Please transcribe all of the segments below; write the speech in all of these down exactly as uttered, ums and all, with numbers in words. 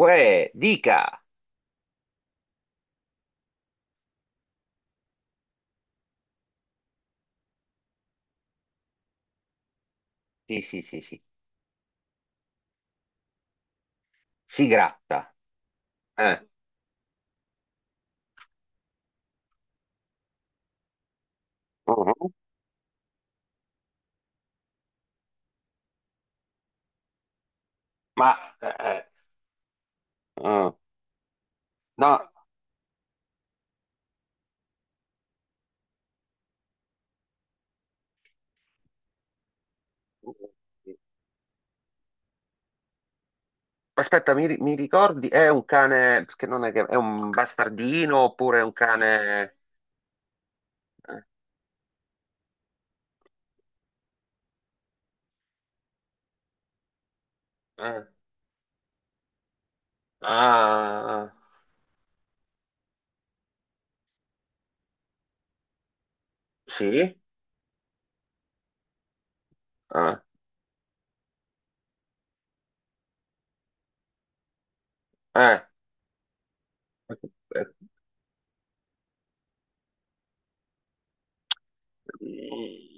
Uè, dica! Sì, sì, sì, sì. Si gratta. Eh. Mhm. Ma, eh, eh, Mm. No, aspetta, mi, ri- mi ricordi? È un cane, che non è che è un bastardino oppure è un cane. eh, eh. Ah, sì? Ah, eh.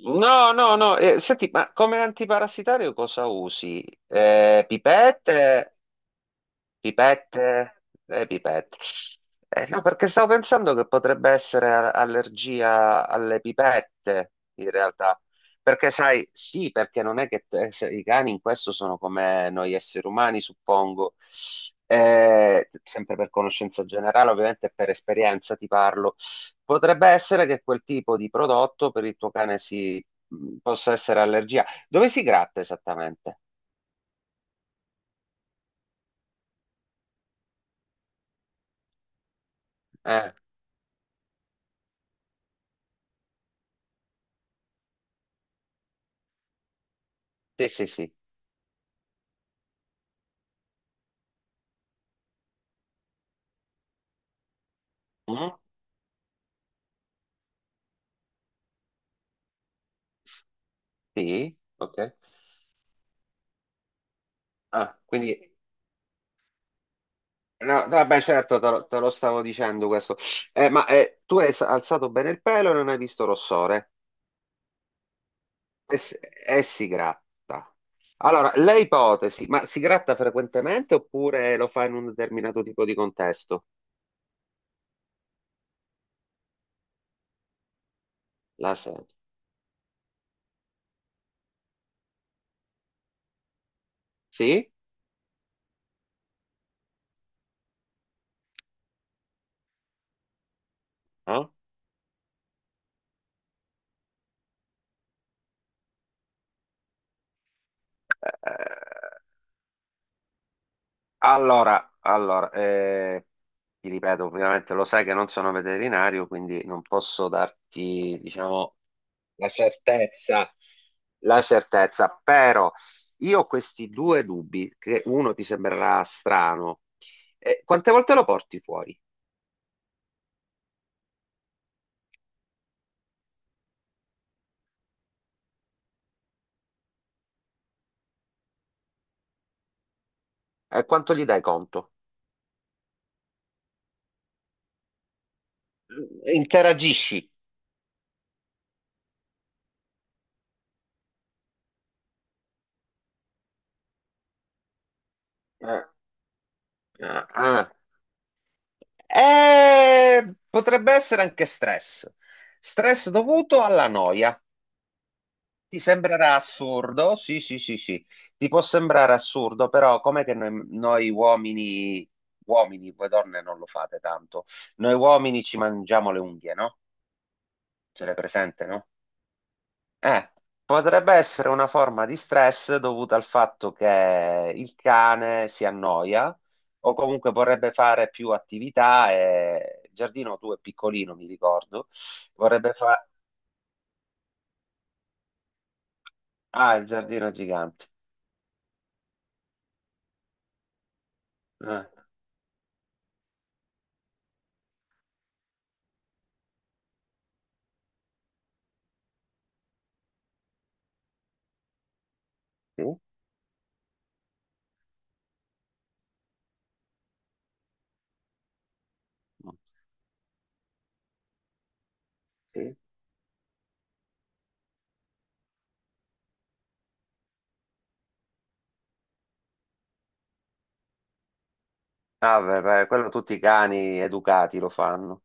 No, no, no. Eh, senti, ma come antiparassitario cosa usi? Eh, pipette? Pipette, le pipette. Eh, no, perché stavo pensando che potrebbe essere a- allergia alle pipette, in realtà. Perché sai, sì, perché non è che te- se- i cani in questo sono come noi esseri umani, suppongo. Eh, sempre per conoscenza generale, ovviamente e per esperienza ti parlo. Potrebbe essere che quel tipo di prodotto per il tuo cane si mh, possa essere allergia. Dove si gratta esattamente? Eh, sì, sì, sì. Mm? Sì, ok. Ah, quindi. No, no, vabbè, certo, te lo, te lo stavo dicendo questo. Eh, ma eh, tu hai s- alzato bene il pelo e non hai visto rossore? E, s- e si gratta. Allora, le ipotesi, ma si gratta frequentemente oppure lo fa in un determinato tipo di contesto? La sera. Sì? No? Eh, Allora, allora, eh, ti ripeto, ovviamente lo sai che non sono veterinario, quindi non posso darti, diciamo, la certezza, la certezza, però io ho questi due dubbi, che uno ti sembrerà strano. Eh, quante volte lo porti fuori? E quanto gli dai conto? Interagisci? Ah, ah, ah. Eh, potrebbe essere anche stress. Stress dovuto alla noia. Ti sembrerà assurdo? Sì, sì, sì, sì. Ti può sembrare assurdo, però com'è che noi, noi uomini, uomini, voi donne non lo fate tanto, noi uomini ci mangiamo le unghie, no? Ce l'hai presente, no? Eh, Potrebbe essere una forma di stress dovuta al fatto che il cane si annoia o comunque vorrebbe fare più attività, e il giardino tu è piccolino, mi ricordo. Vorrebbe fare. Ah, il giardino è gigante. Eh, sì. Sì. Ah, beh, beh, quello tutti i cani educati lo fanno.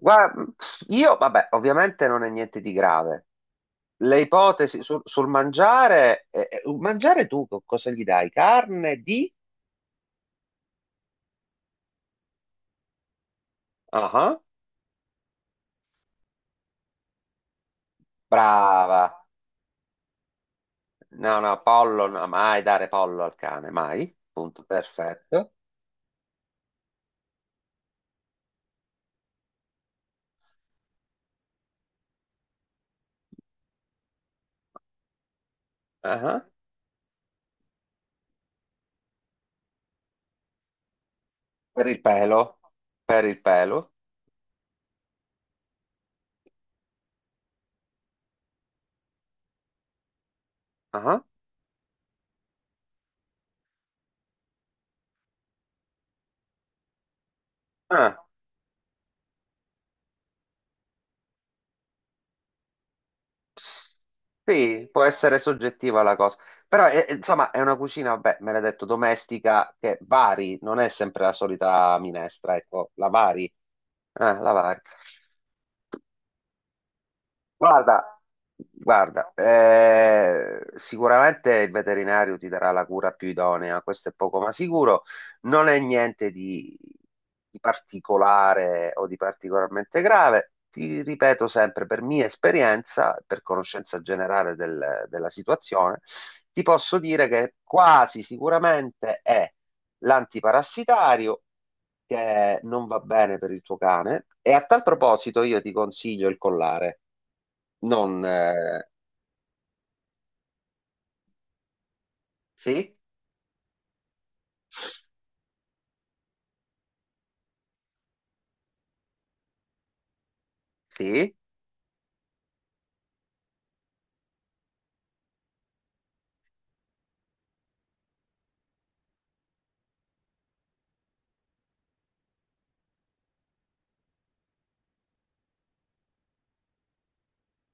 Guarda, io, vabbè, ovviamente non è niente di grave. Le ipotesi sul, sul mangiare, eh, eh, mangiare tu co- cosa gli dai? Carne di? Ah, ah. Brava. No, no, pollo, no, mai dare pollo al cane, mai. Punto, perfetto. Ah, ah. Per il pelo, per il pelo. Ah, ah. Ah. Sì, può essere soggettiva la cosa, però è- è- insomma è una cucina, beh, me l'hai detto, domestica che vari, non è sempre la solita minestra, ecco, la vari, eh, la vari. Guarda, guarda, eh, sicuramente il veterinario ti darà la cura più idonea, questo è poco ma sicuro, non è niente di, di particolare o di particolarmente grave. Ti ripeto sempre, per mia esperienza, per conoscenza generale del- della situazione, ti posso dire che quasi sicuramente è l'antiparassitario che non va bene per il tuo cane. E a tal proposito io ti consiglio il collare. Non... eh, Sì? Sì?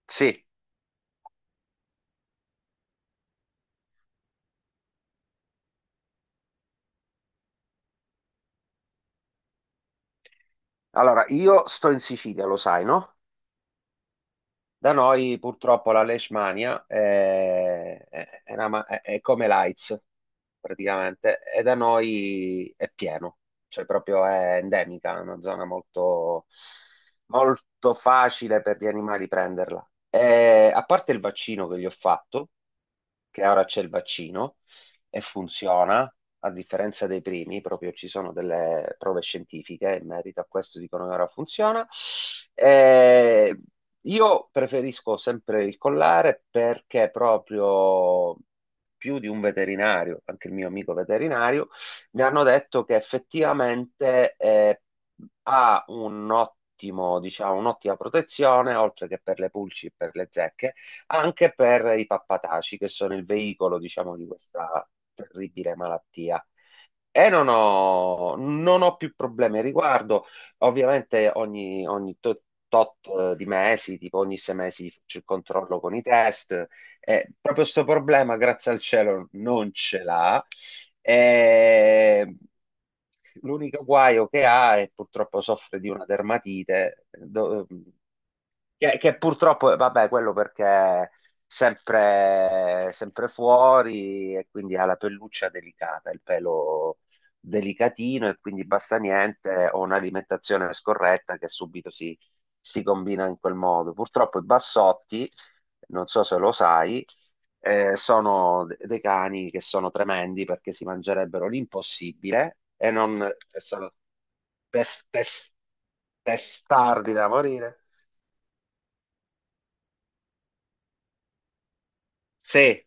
Sì. Allora, io sto in Sicilia, lo sai, no? Da noi purtroppo la Leishmania è, è- è una ma- è- è come l'AIDS praticamente e da noi è pieno, cioè proprio è endemica, è una zona molto, molto facile per gli animali prenderla. E, a parte il vaccino che gli ho fatto, che ora c'è il vaccino e funziona, a differenza dei primi, proprio ci sono delle prove scientifiche in merito a questo, dicono che ora funziona. Eh, io preferisco sempre il collare perché proprio più di un veterinario, anche il mio amico veterinario, mi hanno detto che effettivamente eh, ha un ottimo, diciamo, un'ottima protezione, oltre che per le pulci e per le zecche, anche per i pappataci, che sono il veicolo, diciamo, di questa terribile malattia. E non ho, non ho più problemi al riguardo. Ovviamente ogni, ogni to- tot eh, di mesi, tipo ogni sei mesi faccio il controllo con i test. E proprio questo problema, grazie al cielo, non ce l'ha. E L'unico guaio che ha è purtroppo soffre di una dermatite, do- che, che purtroppo, eh, vabbè, quello perché è sempre, sempre fuori e quindi ha la pelluccia delicata, il pelo delicatino e quindi basta niente o un'alimentazione scorretta che subito si, si combina in quel modo. Purtroppo i bassotti, non so se lo sai, eh, sono de- dei cani che sono tremendi perché si mangerebbero l'impossibile e non e sono tes- tes- testardi da morire. Sì,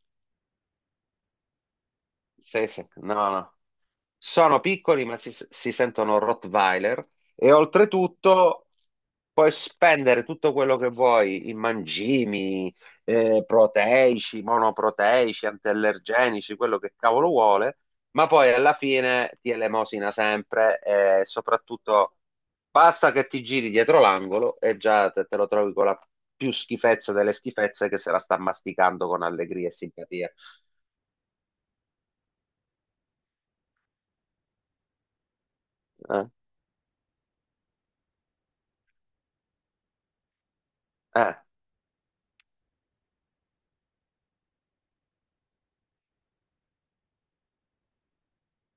sì, sì, no, no. Sono piccoli, ma si, si sentono Rottweiler e oltretutto puoi spendere tutto quello che vuoi in mangimi, eh, proteici, monoproteici, antiallergenici, quello che cavolo vuole, ma poi alla fine ti elemosina sempre e soprattutto basta che ti giri dietro l'angolo e già te, te lo trovi con la più schifezza delle schifezze che se la sta masticando con allegria e simpatia. Eh, eh,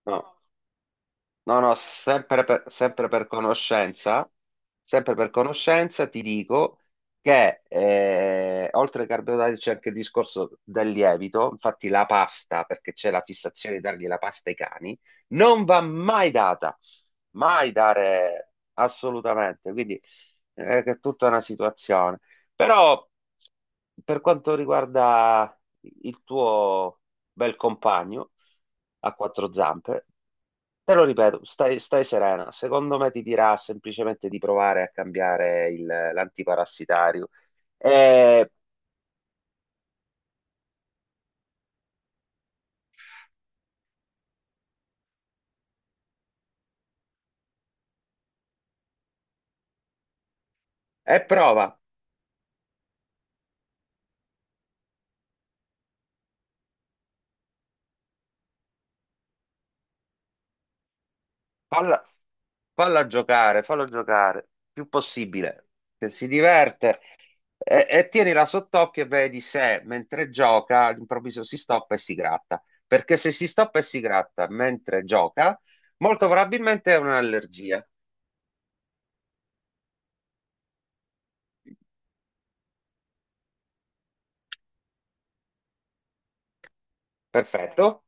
no. No, no, sempre per, sempre per conoscenza, sempre per conoscenza ti dico che eh, oltre ai carboidrati c'è anche il discorso del lievito, infatti la pasta, perché c'è la fissazione di dargli la pasta ai cani, non va mai data, mai dare assolutamente, quindi eh, che è tutta una situazione. Però per quanto riguarda il tuo bel compagno a quattro zampe, te lo ripeto, stai, stai serena. Secondo me ti dirà semplicemente di provare a cambiare il- l'antiparassitario. E, e prova, falla, falla giocare, fallo giocare, più possibile. Se si diverte, e, e tienila sott'occhio e vedi se mentre gioca all'improvviso si stoppa e si gratta. Perché se si stoppa e si gratta mentre gioca, molto probabilmente è un'allergia. Perfetto.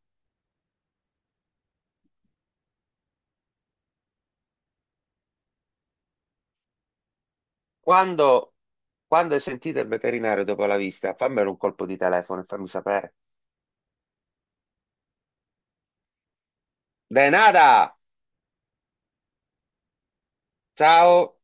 Quando, quando hai sentito il veterinario dopo la visita, fammelo un colpo di telefono e fammi sapere. De nada! Ciao!